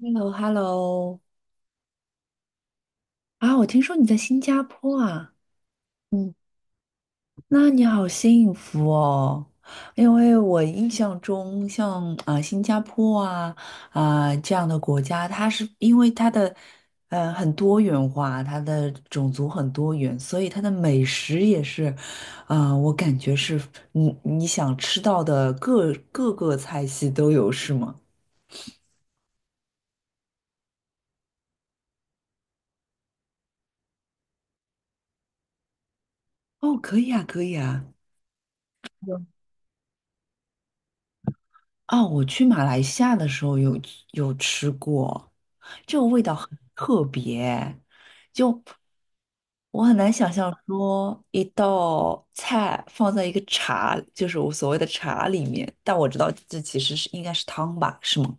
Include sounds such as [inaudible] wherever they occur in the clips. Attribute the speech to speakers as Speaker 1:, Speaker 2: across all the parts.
Speaker 1: h e l l o Hello。 啊，我听说你在新加坡啊。嗯。那你好幸福哦，因为我印象中像啊、新加坡啊、这样的国家，它是因为它的很多元化，它的种族很多元，所以它的美食也是，啊、我感觉是你想吃到的各个菜系都有，是吗？哦，可以啊，可以啊。啊，我去马来西亚的时候有吃过，这个味道很特别，就我很难想象说一道菜放在一个茶，就是我所谓的茶里面，但我知道这其实是应该是汤吧，是吗？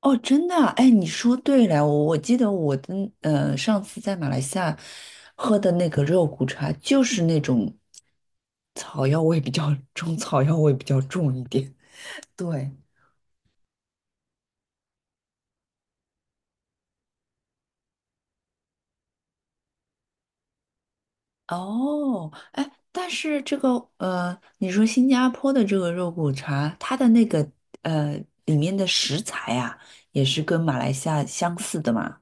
Speaker 1: 哦，真的啊，哎，你说对了，我记得我的上次在马来西亚喝的那个肉骨茶，就是那种草药味比较中草药味比较重一点，对。哦，哎，但是这个你说新加坡的这个肉骨茶，它的那个呃里面的食材啊，也是跟马来西亚相似的嘛？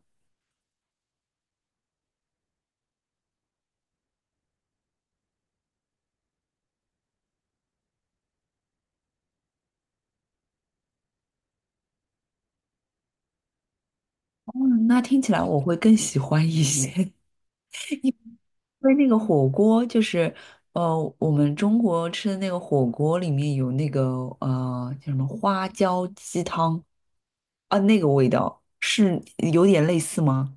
Speaker 1: 哦，那听起来我会更喜欢一些，[laughs] 因为那个火锅就是我们中国吃的那个火锅里面有那个叫什么花椒鸡汤啊，那个味道是有点类似吗？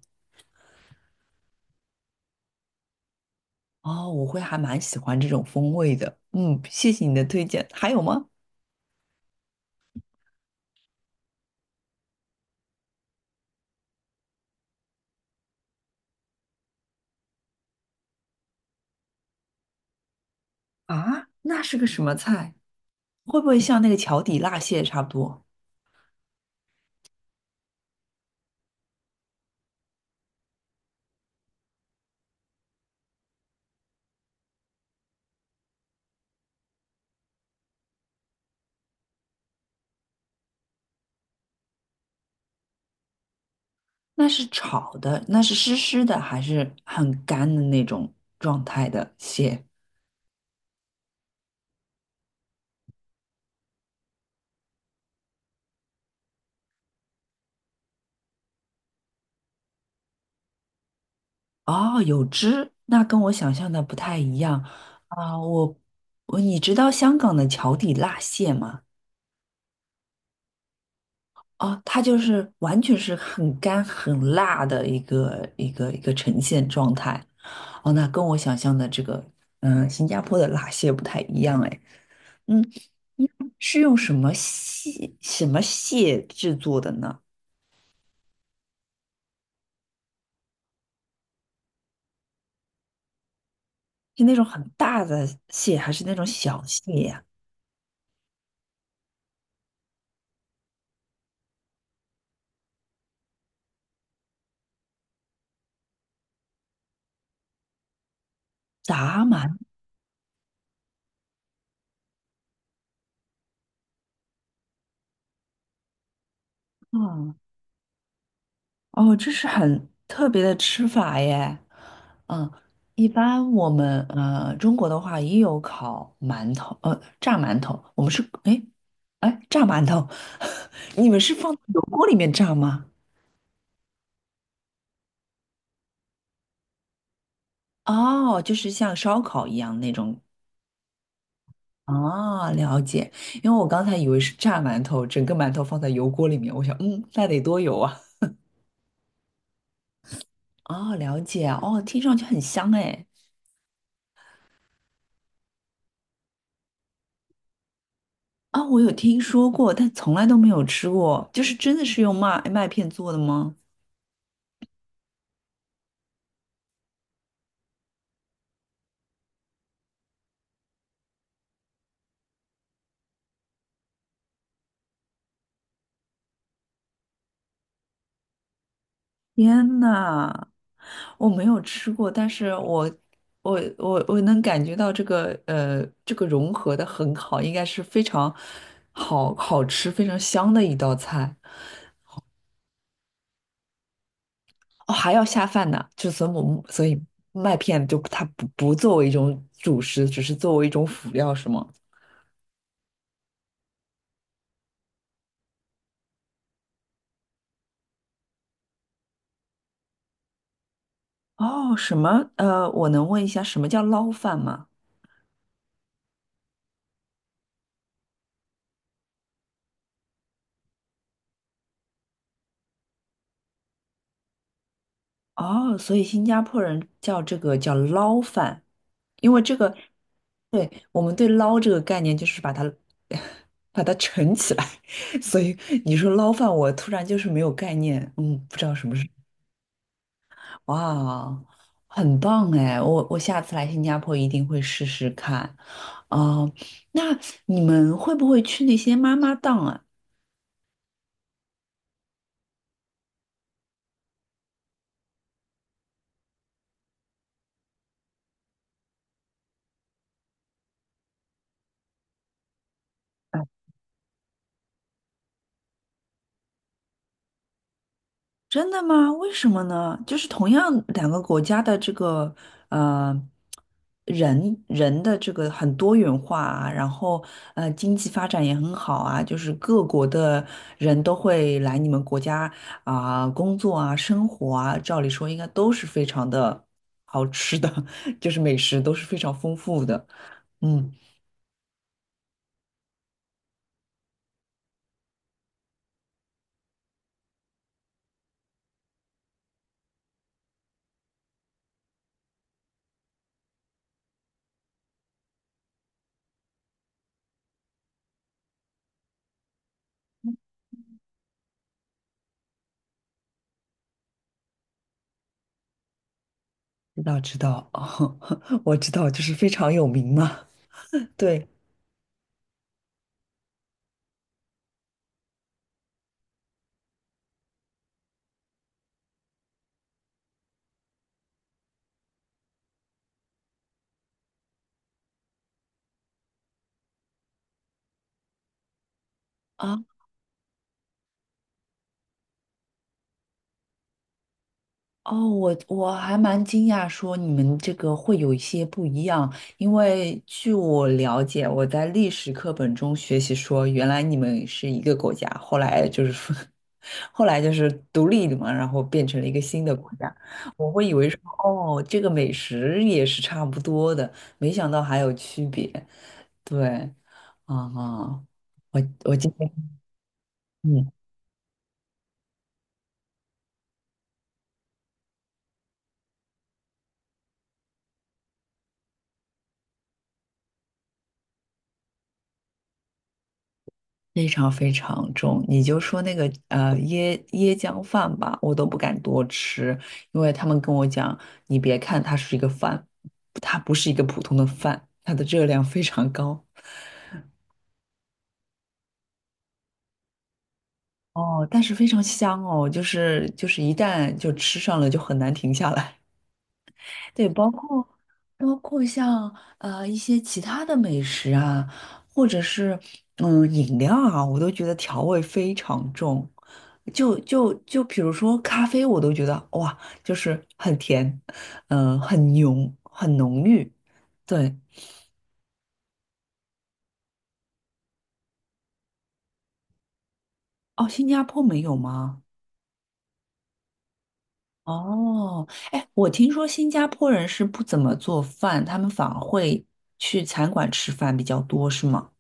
Speaker 1: 哦，我会还蛮喜欢这种风味的。嗯，谢谢你的推荐。还有吗？啊，那是个什么菜？会不会像那个桥底辣蟹差不多？那是炒的，那是湿湿的，还是很干的那种状态的蟹？哦，有汁，那跟我想象的不太一样啊。你知道香港的桥底辣蟹吗？哦，它就是完全是很干很辣的一个一个一个呈现状态。哦，那跟我想象的这个，嗯，新加坡的辣蟹不太一样哎。嗯，是用什么蟹制作的呢？是那种很大的蟹，还是那种小蟹呀、闸鳗啊？哦，这是很特别的吃法耶。嗯，一般我们中国的话也有烤馒头，炸馒头，我们是哎炸馒头，[laughs] 你们是放到油锅里面炸吗？哦，就是像烧烤一样那种。哦，了解，因为我刚才以为是炸馒头，整个馒头放在油锅里面，我想，嗯，那得多油啊。哦，了解，哦，听上去很香哎。啊，我有听说过，但从来都没有吃过。就是真的是用麦片做的吗？天呐，我没有吃过，但是我能感觉到这个这个融合的很好，应该是非常好吃、非常香的一道菜。哦，还要下饭呢，就所以我所以麦片就它不作为一种主食，只是作为一种辅料，是吗？哦，我能问一下什么叫捞饭吗？哦，所以新加坡人叫这个叫捞饭，因为这个，对，我们对捞这个概念就是把它 [laughs] 把它盛起来，[laughs] 所以你说捞饭，我突然就是没有概念，嗯，不知道什么是。哇，很棒哎，我下次来新加坡一定会试试看。哦，那你们会不会去那些妈妈档啊？真的吗？为什么呢？就是同样两个国家的这个呃人的这个很多元化啊，然后经济发展也很好啊，就是各国的人都会来你们国家啊、工作啊生活啊，照理说应该都是非常的好吃的，[laughs] 就是美食都是非常丰富的。嗯，知道知道，[laughs] 哦，我知道，就是非常有名嘛。[laughs] 对。啊。哦，我还蛮惊讶，说你们这个会有一些不一样，因为据我了解，我在历史课本中学习说，原来你们是一个国家，后来就是说，[laughs] 后来就是独立了嘛，然后变成了一个新的国家。我会以为说，哦，这个美食也是差不多的，没想到还有区别。对，啊、我我今天。嗯。非常非常重，你就说那个椰浆饭吧，我都不敢多吃，因为他们跟我讲，你别看它是一个饭，它不是一个普通的饭，它的热量非常高哦，但是非常香哦，就是一旦就吃上了就很难停下来。对，包括像一些其他的美食啊，或者是饮料啊，我都觉得调味非常重。就比如说咖啡，我都觉得哇，就是很甜，嗯、很浓，很浓郁。对。哦，新加坡没有吗？哦，哎，我听说新加坡人是不怎么做饭，他们反而会去餐馆吃饭比较多，是吗？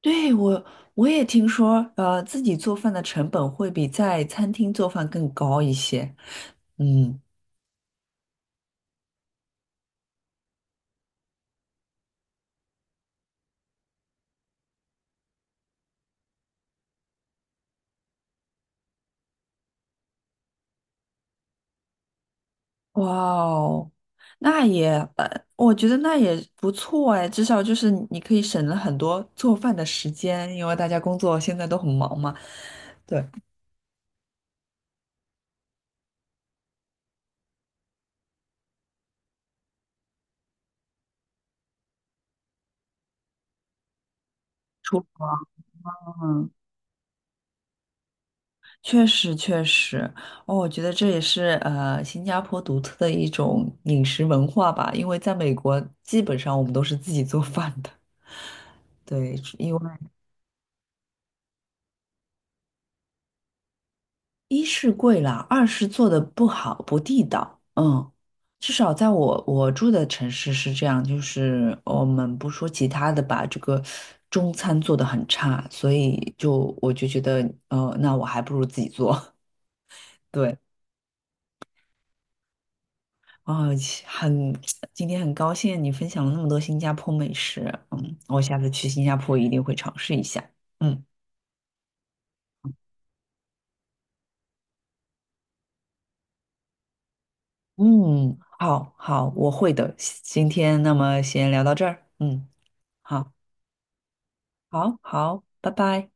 Speaker 1: 对，我也听说，自己做饭的成本会比在餐厅做饭更高一些。嗯，哇哦，那也，我觉得那也不错哎，至少就是你可以省了很多做饭的时间，因为大家工作现在都很忙嘛。对，嗯，确实确实，哦，我觉得这也是新加坡独特的一种饮食文化吧，因为在美国基本上我们都是自己做饭的。对，因为一是贵啦，二是做的不好，不地道。嗯，至少在我住的城市是这样，就是我们不说其他的吧，这个中餐做的很差，所以就我就觉得，那我还不如自己做。[laughs] 对。啊、很，[tsk] 今天很高兴你分享了那么多新加坡美食，嗯，我下次去新加坡一定会尝试一下。嗯嗯，好好，我会的。今天那么先聊到这儿，嗯，好，好好，拜拜。